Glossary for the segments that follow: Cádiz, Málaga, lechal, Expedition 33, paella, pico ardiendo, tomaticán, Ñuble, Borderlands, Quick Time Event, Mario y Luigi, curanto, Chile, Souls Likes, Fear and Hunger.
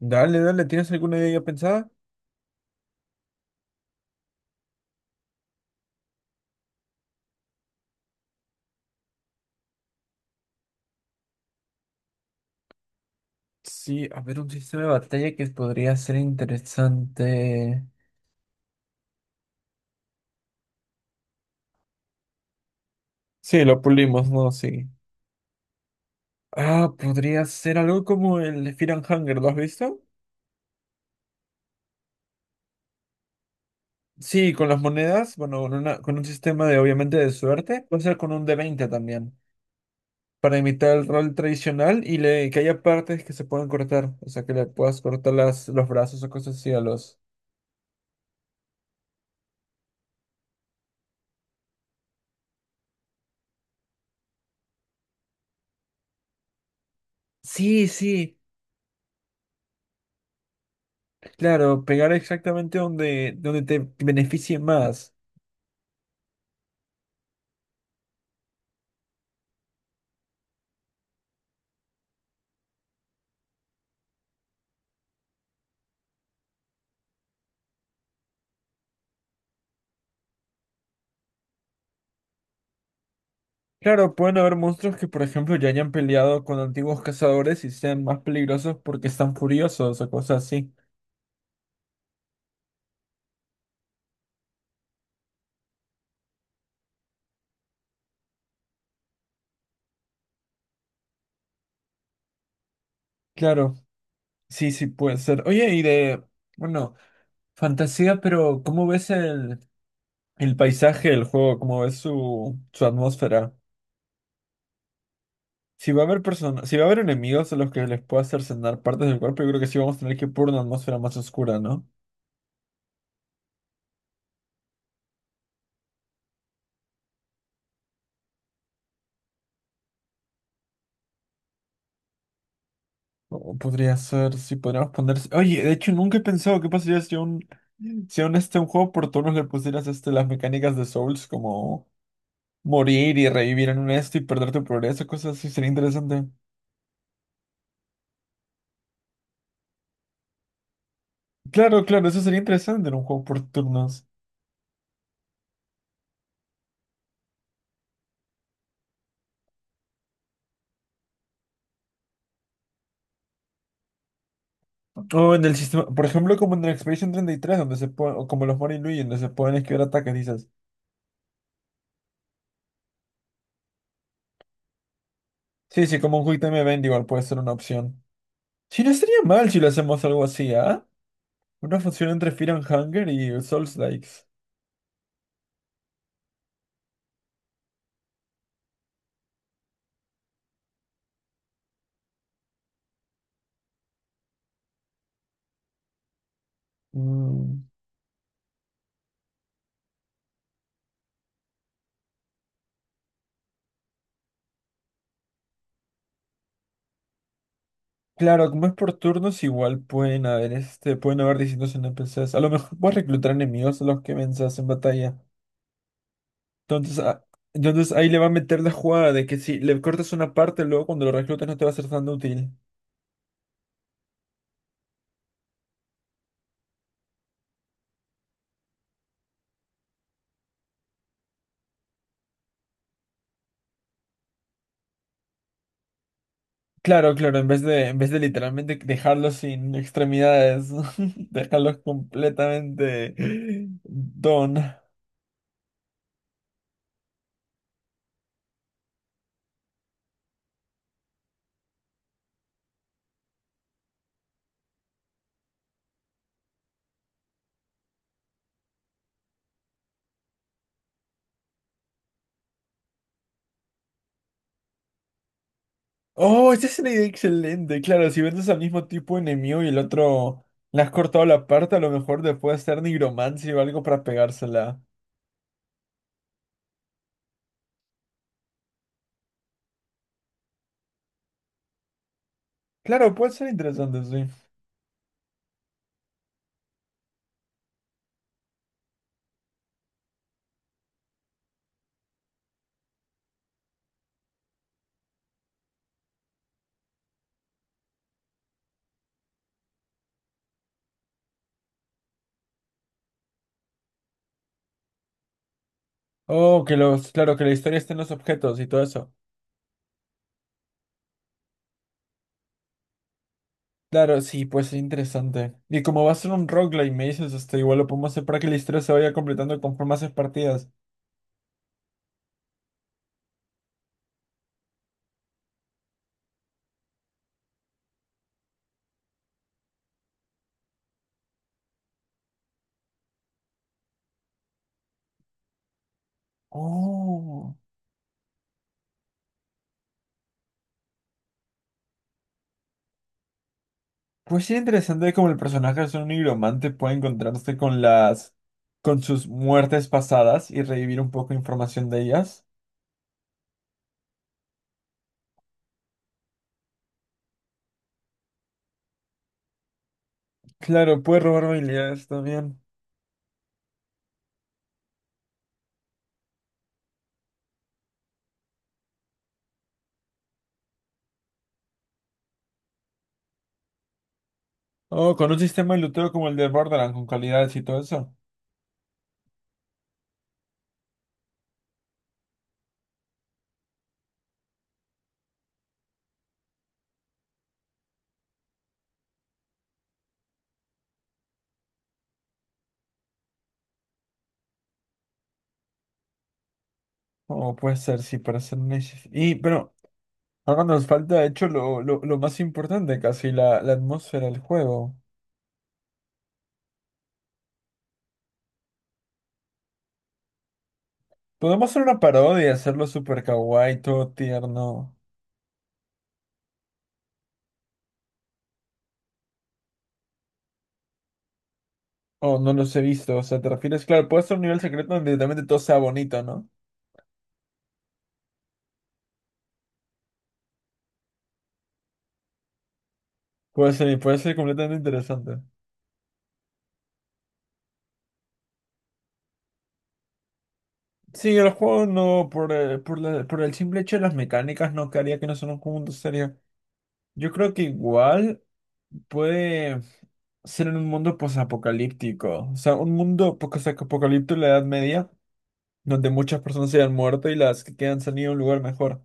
Dale, dale, ¿tienes alguna idea ya pensada? Sí, a ver, un sistema de batalla que podría ser interesante. Sí, lo pulimos, ¿no? Sí. Ah, podría ser algo como el Fear and Hunger, ¿lo has visto? Sí, con las monedas, bueno, con un sistema de obviamente de suerte, puede ser con un d20 también, para imitar el rol tradicional y que haya partes que se puedan cortar, o sea, que le puedas cortar los brazos o cosas así a los... Sí, sí, claro, pegar exactamente donde te beneficie más. Claro, pueden haber monstruos que, por ejemplo, ya hayan peleado con antiguos cazadores y sean más peligrosos porque están furiosos o cosas así. Claro, sí, sí puede ser. Oye, y bueno, fantasía, pero ¿cómo ves el paisaje del juego? ¿Cómo ves su atmósfera? Si va a haber personas, si va a haber enemigos a los que les pueda hacer cenar partes del cuerpo, yo creo que sí vamos a tener que ir por una atmósfera más oscura, ¿no? O podría ser, si podríamos poner... Oye, de hecho, nunca he pensado qué pasaría si aún este un juego por turnos le pusieras este, las mecánicas de Souls como morir y revivir en un esto y perder tu progreso, cosas así, sería interesante. Claro, claro, eso sería interesante en un juego por turnos. O en el sistema, por ejemplo, como en el Expedition 33, donde se puede, o como los Mario y Luigi, donde se pueden esquivar ataques, dices. Sí, sí, como un Quick Time Event igual puede ser una opción. Sí, no estaría mal si lo hacemos algo así, ¿ah? Una función entre Fear and Hunger y Souls Likes. Claro, como es por turnos, igual pueden haber distintos NPCs. A lo mejor puedes reclutar enemigos a los que venzas en batalla. Entonces, ah, entonces ahí le va a meter la jugada de que si le cortas una parte, luego cuando lo reclutas no te va a ser tan útil. Claro, claro, en vez de literalmente dejarlos sin extremidades, dejarlos completamente don. Oh, esa es una idea excelente. Claro, si vendes al mismo tipo enemigo y el otro le has cortado la parte, a lo mejor te puede hacer nigromancia o algo para pegársela. Claro, puede ser interesante, sí. Oh, que los, claro, que la historia esté en los objetos y todo eso. Claro, sí, pues es interesante. Y como va a ser un roguelike, me dices, este, igual lo podemos hacer para que la historia se vaya completando conforme haces partidas. Oh. Pues sí, interesante cómo el personaje es un nigromante, puede encontrarse con sus muertes pasadas y revivir un poco de información de ellas. Claro, puede robar habilidades también. O con un sistema de luteo como el de Borderlands, con calidades y todo eso. O puede ser, sí, para ser niches. Y, pero, ahora nos falta, de hecho, lo más importante, casi, la atmósfera del juego. Podemos hacer una parodia y hacerlo super kawaii, todo tierno. O no los he visto, o sea, te refieres, claro, puede ser un nivel secreto donde literalmente todo sea bonito, ¿no? Puede ser completamente interesante. Sí, el juego no, por el simple hecho de las mecánicas, no quedaría que no son un mundo serio. Yo creo que igual puede ser en un mundo posapocalíptico. O sea, un mundo posapocalíptico en la Edad Media, donde muchas personas se han muerto y las que quedan se han ido a un lugar mejor.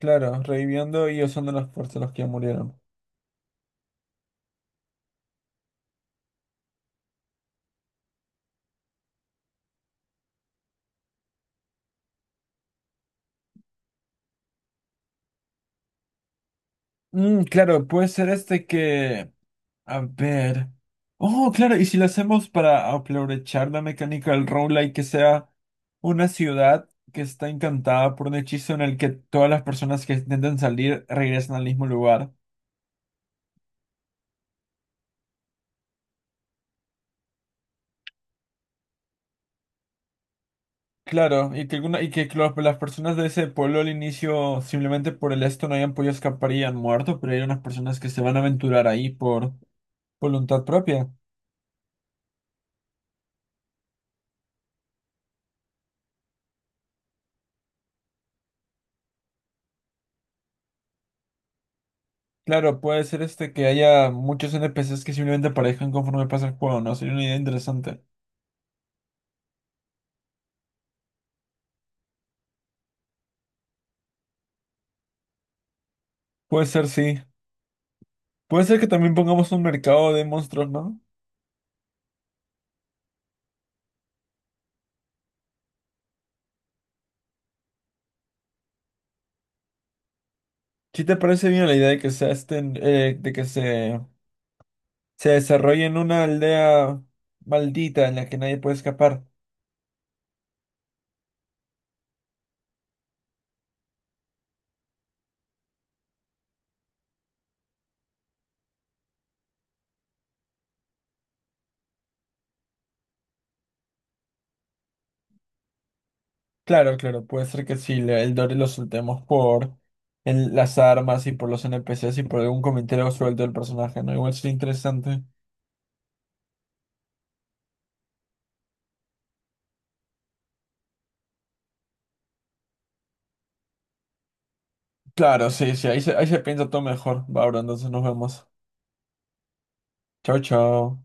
Claro, reviviendo y usando las fuerzas de los que ya murieron. Mm, claro, puede ser este que. A ver. Oh, claro, y si lo hacemos para aprovechar la mecánica del roguelike, que sea una ciudad que está encantada por un hechizo en el que todas las personas que intentan salir regresan al mismo lugar. Claro, y que, alguna, y que lo- las personas de ese pueblo al inicio, simplemente por el esto, no hayan podido escapar y han muerto, pero hay unas personas que se van a aventurar ahí por voluntad propia. Claro, puede ser este que haya muchos NPCs que simplemente aparezcan conforme pasa el juego, ¿no? Sería una idea interesante. Puede ser, sí. Puede ser que también pongamos un mercado de monstruos, ¿no? ¿Sí te parece bien la idea de que se desarrolle en una aldea maldita en la que nadie puede escapar? Claro, claro, puede ser que si le- el Dory lo soltemos por las armas y por los NPCs y por algún comentario suelto del personaje, ¿no? Igual sería interesante. Claro, sí, sí, ahí se piensa todo mejor. Va, bro, entonces nos vemos. Chao, chao.